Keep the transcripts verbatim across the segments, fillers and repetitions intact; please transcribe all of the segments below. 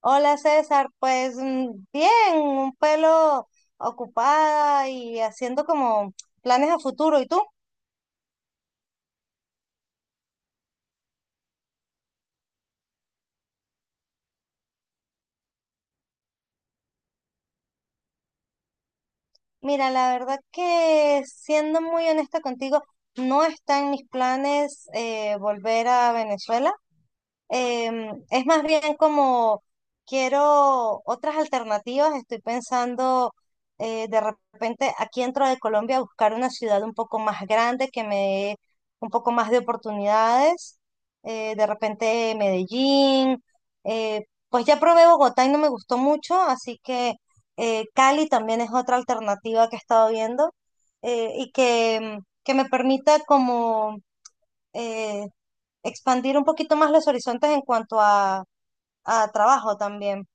Hola César, pues mm, bien, un pelo ocupada y haciendo como planes a futuro. ¿Y tú? Mira, la verdad que siendo muy honesta contigo, no está en mis planes eh, volver a Venezuela. Em, es más bien como quiero otras alternativas. Estoy pensando eh, de repente aquí dentro de Colombia buscar una ciudad un poco más grande que me dé un poco más de oportunidades. Eh, de repente Medellín. eh, pues ya probé Bogotá y no me gustó mucho, así que eh, Cali también es otra alternativa que he estado viendo, eh, y que, mm, que me permita como eh, expandir un poquito más los horizontes en cuanto a, a trabajo también.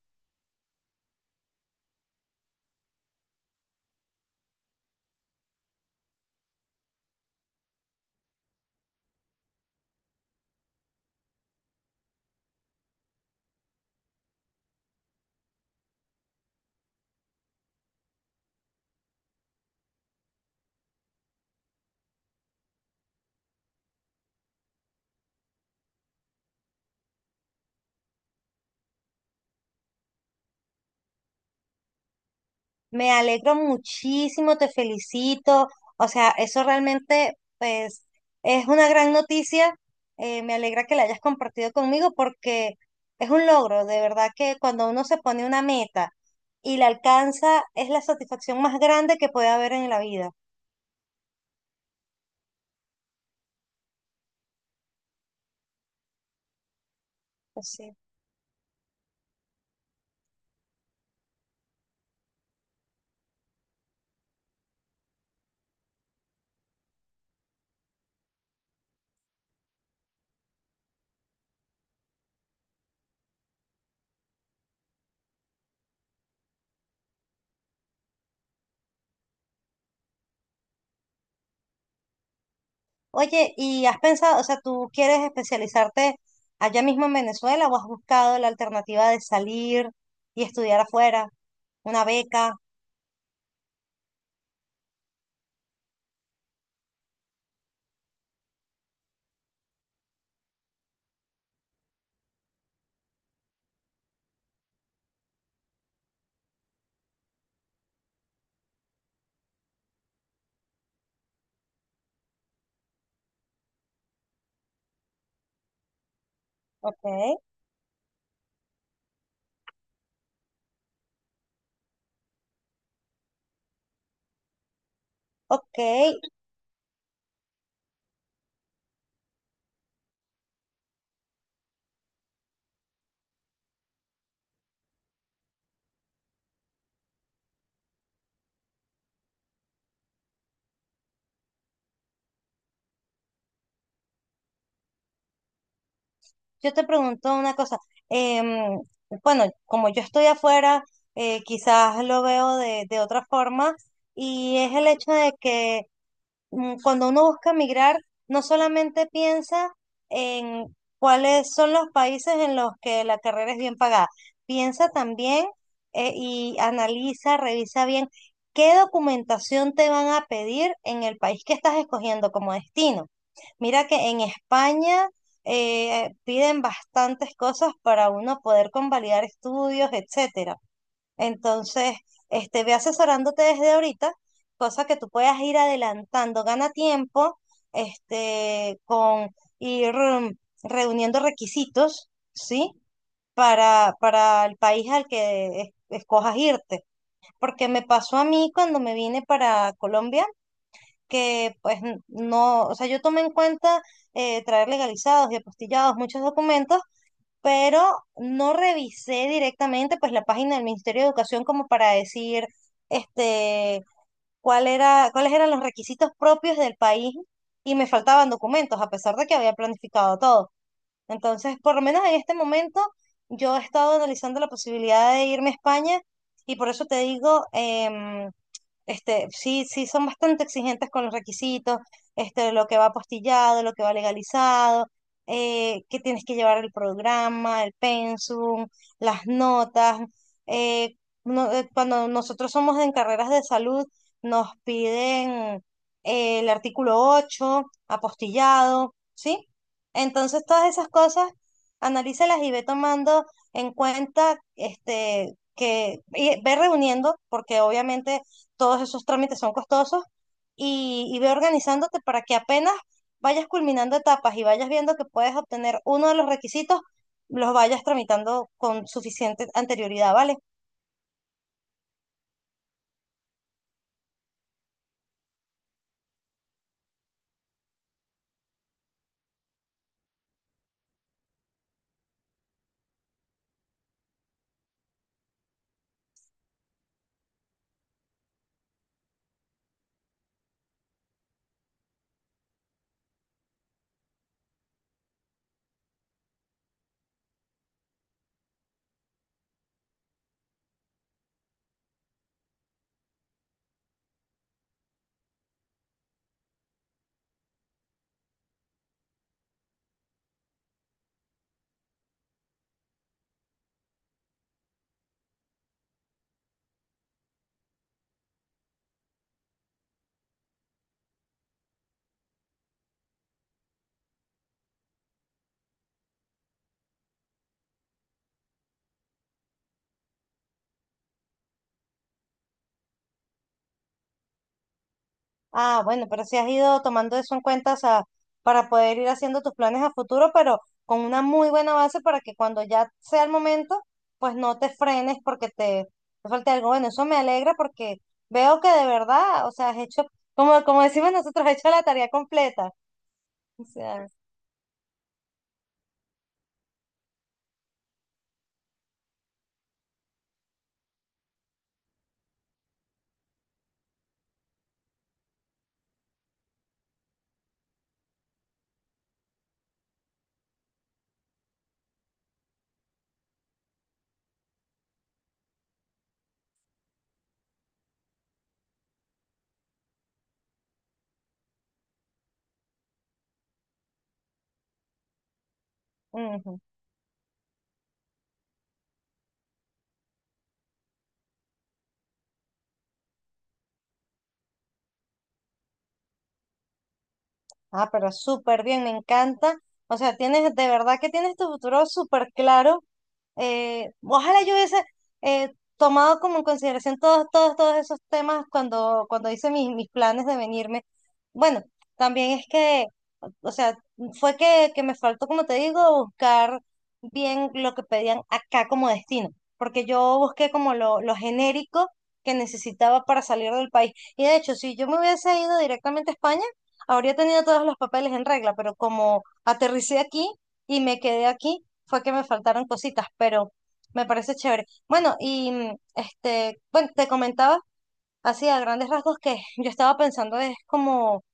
Me alegro muchísimo, te felicito. O sea, eso realmente, pues, es una gran noticia. Eh, me alegra que la hayas compartido conmigo porque es un logro, de verdad que cuando uno se pone una meta y la alcanza, es la satisfacción más grande que puede haber en la vida. Pues, sí. Oye, ¿y has pensado, o sea, tú quieres especializarte allá mismo en Venezuela o has buscado la alternativa de salir y estudiar afuera? Una beca, ok. Ok, yo te pregunto una cosa. em, bueno, como yo estoy afuera, eh, quizás lo veo de, de otra forma y es el hecho de que mm, cuando uno busca migrar, no solamente piensa en cuáles son los países en los que la carrera es bien pagada, piensa también, eh, y analiza, revisa bien qué documentación te van a pedir en el país que estás escogiendo como destino. Mira que en España eh, piden bastantes cosas para uno poder convalidar estudios, etcétera. Entonces, este, ve asesorándote desde ahorita, cosa que tú puedas ir adelantando, gana tiempo, este, con ir mm, reuniendo requisitos, ¿sí? Para, para el país al que es- escojas irte. Porque me pasó a mí cuando me vine para Colombia, que pues n- no, o sea, yo tomé en cuenta, eh, traer legalizados y apostillados muchos documentos, pero no revisé directamente pues la página del Ministerio de Educación como para decir este cuál era, cuáles eran los requisitos propios del país y me faltaban documentos a pesar de que había planificado todo. Entonces, por lo menos en este momento yo he estado analizando la posibilidad de irme a España y por eso te digo, em, este, sí, sí, son bastante exigentes con los requisitos, este, lo que va apostillado, lo que va legalizado, eh, que tienes que llevar el programa, el pensum, las notas. eh, no- eh, cuando nosotros somos en carreras de salud, nos piden eh, el artículo ocho apostillado, ¿sí? Entonces, todas esas cosas, analízalas y ve tomando en cuenta, este, que, y ve reuniendo, porque obviamente todos esos trámites son costosos y, y ve organizándote para que apenas vayas culminando etapas y vayas viendo que puedes obtener uno de los requisitos, los vayas tramitando con suficiente anterioridad, ¿vale? Ah, bueno, pero si has ido tomando eso en cuenta, o sea, para poder ir haciendo tus planes a futuro, pero con una muy buena base para que cuando ya sea el momento, pues no te frenes porque te, te falte algo. Bueno, eso me alegra porque veo que de verdad, o sea, has hecho, como, como decimos nosotros, has hecho la tarea completa. O sea, ujú. Ah, pero súper bien, me encanta. O sea, tienes, de verdad que tienes tu futuro súper claro. Eh, ojalá yo hubiese eh, tomado como en consideración todos, todos, todos esos temas cuando, cuando hice mis, mis planes de venirme. Bueno, también es que, o sea, fue que, que me faltó, como te digo, buscar bien lo que pedían acá como destino, porque yo busqué como lo, lo genérico que necesitaba para salir del país. Y de hecho, si yo me hubiese ido directamente a España, habría tenido todos los papeles en regla, pero como aterricé aquí y me quedé aquí, fue que me faltaron cositas, pero me parece chévere. Bueno, y mm, este, bueno, te comentaba así a grandes rasgos que yo estaba pensando es como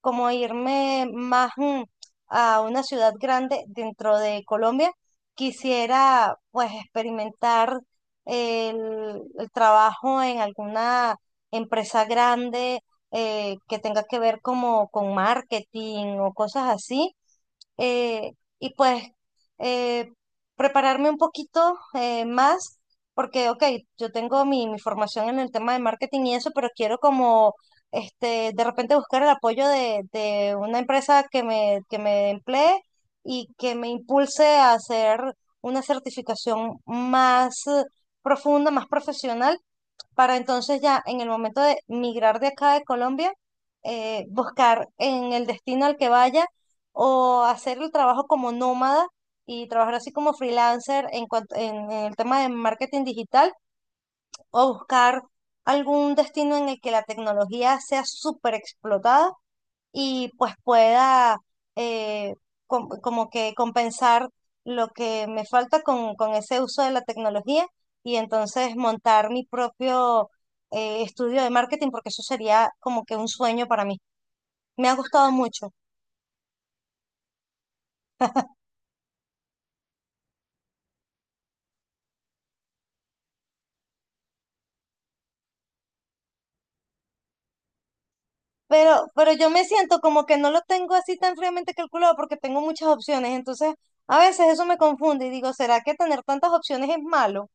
como irme más mm, a una ciudad grande dentro de Colombia, quisiera pues experimentar el, el trabajo en alguna empresa grande, eh, que tenga que ver como con marketing o cosas así, eh, y pues eh, prepararme un poquito eh, más, porque, ok, yo tengo mi, mi formación en el tema de marketing y eso, pero quiero como, este, de repente buscar el apoyo de, de una empresa que me, que me emplee y que me impulse a hacer una certificación más eh, profunda, más profesional, para entonces ya en el momento de migrar de acá de Colombia, eh, buscar en el destino al que vaya o hacer el trabajo como nómada y trabajar así como freelancer en cuanto, en el tema de marketing digital o buscar algún destino en el que la tecnología sea súper explotada y pues pueda eh, com- como que compensar lo que me falta con, con ese uso de la tecnología y entonces montar mi propio eh, estudio de marketing porque eso sería como que un sueño para mí. Me ha gustado mucho, pero, pero yo me siento como que no lo tengo así tan fríamente calculado porque tengo muchas opciones, entonces a veces eso me confunde y digo, ¿será que tener tantas opciones es malo?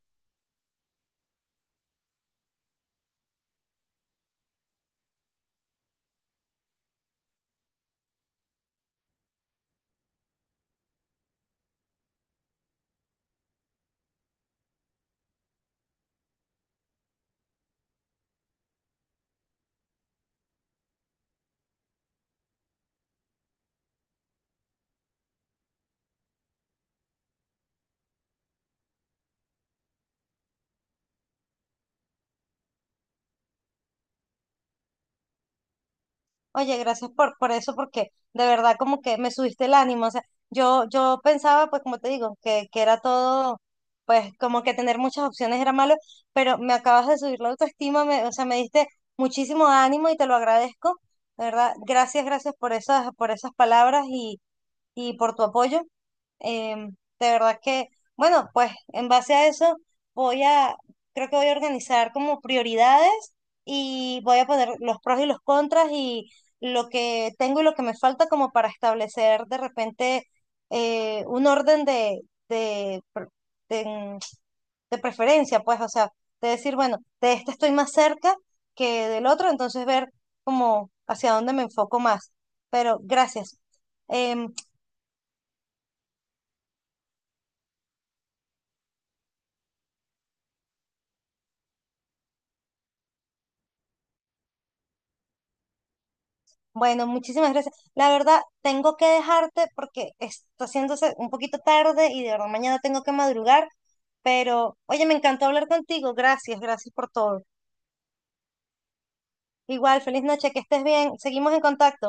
Oye, gracias por, por eso, porque de verdad como que me subiste el ánimo. O sea, yo, yo pensaba, pues como te digo, que, que era todo, pues como que tener muchas opciones era malo, pero me acabas de subir la autoestima, me, o sea, me diste muchísimo ánimo y te lo agradezco. De verdad, gracias, gracias por esas, por esas palabras y, y por tu apoyo. Em, de verdad que, bueno, pues en base a eso voy a, creo que voy a organizar como prioridades y voy a poner los pros y los contras y lo que tengo y lo que me falta como para establecer de repente eh, un orden de, de, pre- de, mm, de preferencia, pues, o sea, de decir, bueno, de este estoy más cerca que del otro, entonces ver como hacia dónde me enfoco más. Pero gracias. Em, Bueno, muchísimas gracias. La verdad, tengo que dejarte porque está haciéndose un poquito tarde y de verdad mañana tengo que madrugar, pero oye, me encantó hablar contigo. Gracias, gracias por todo. Igual, feliz noche, que estés bien. Seguimos en contacto.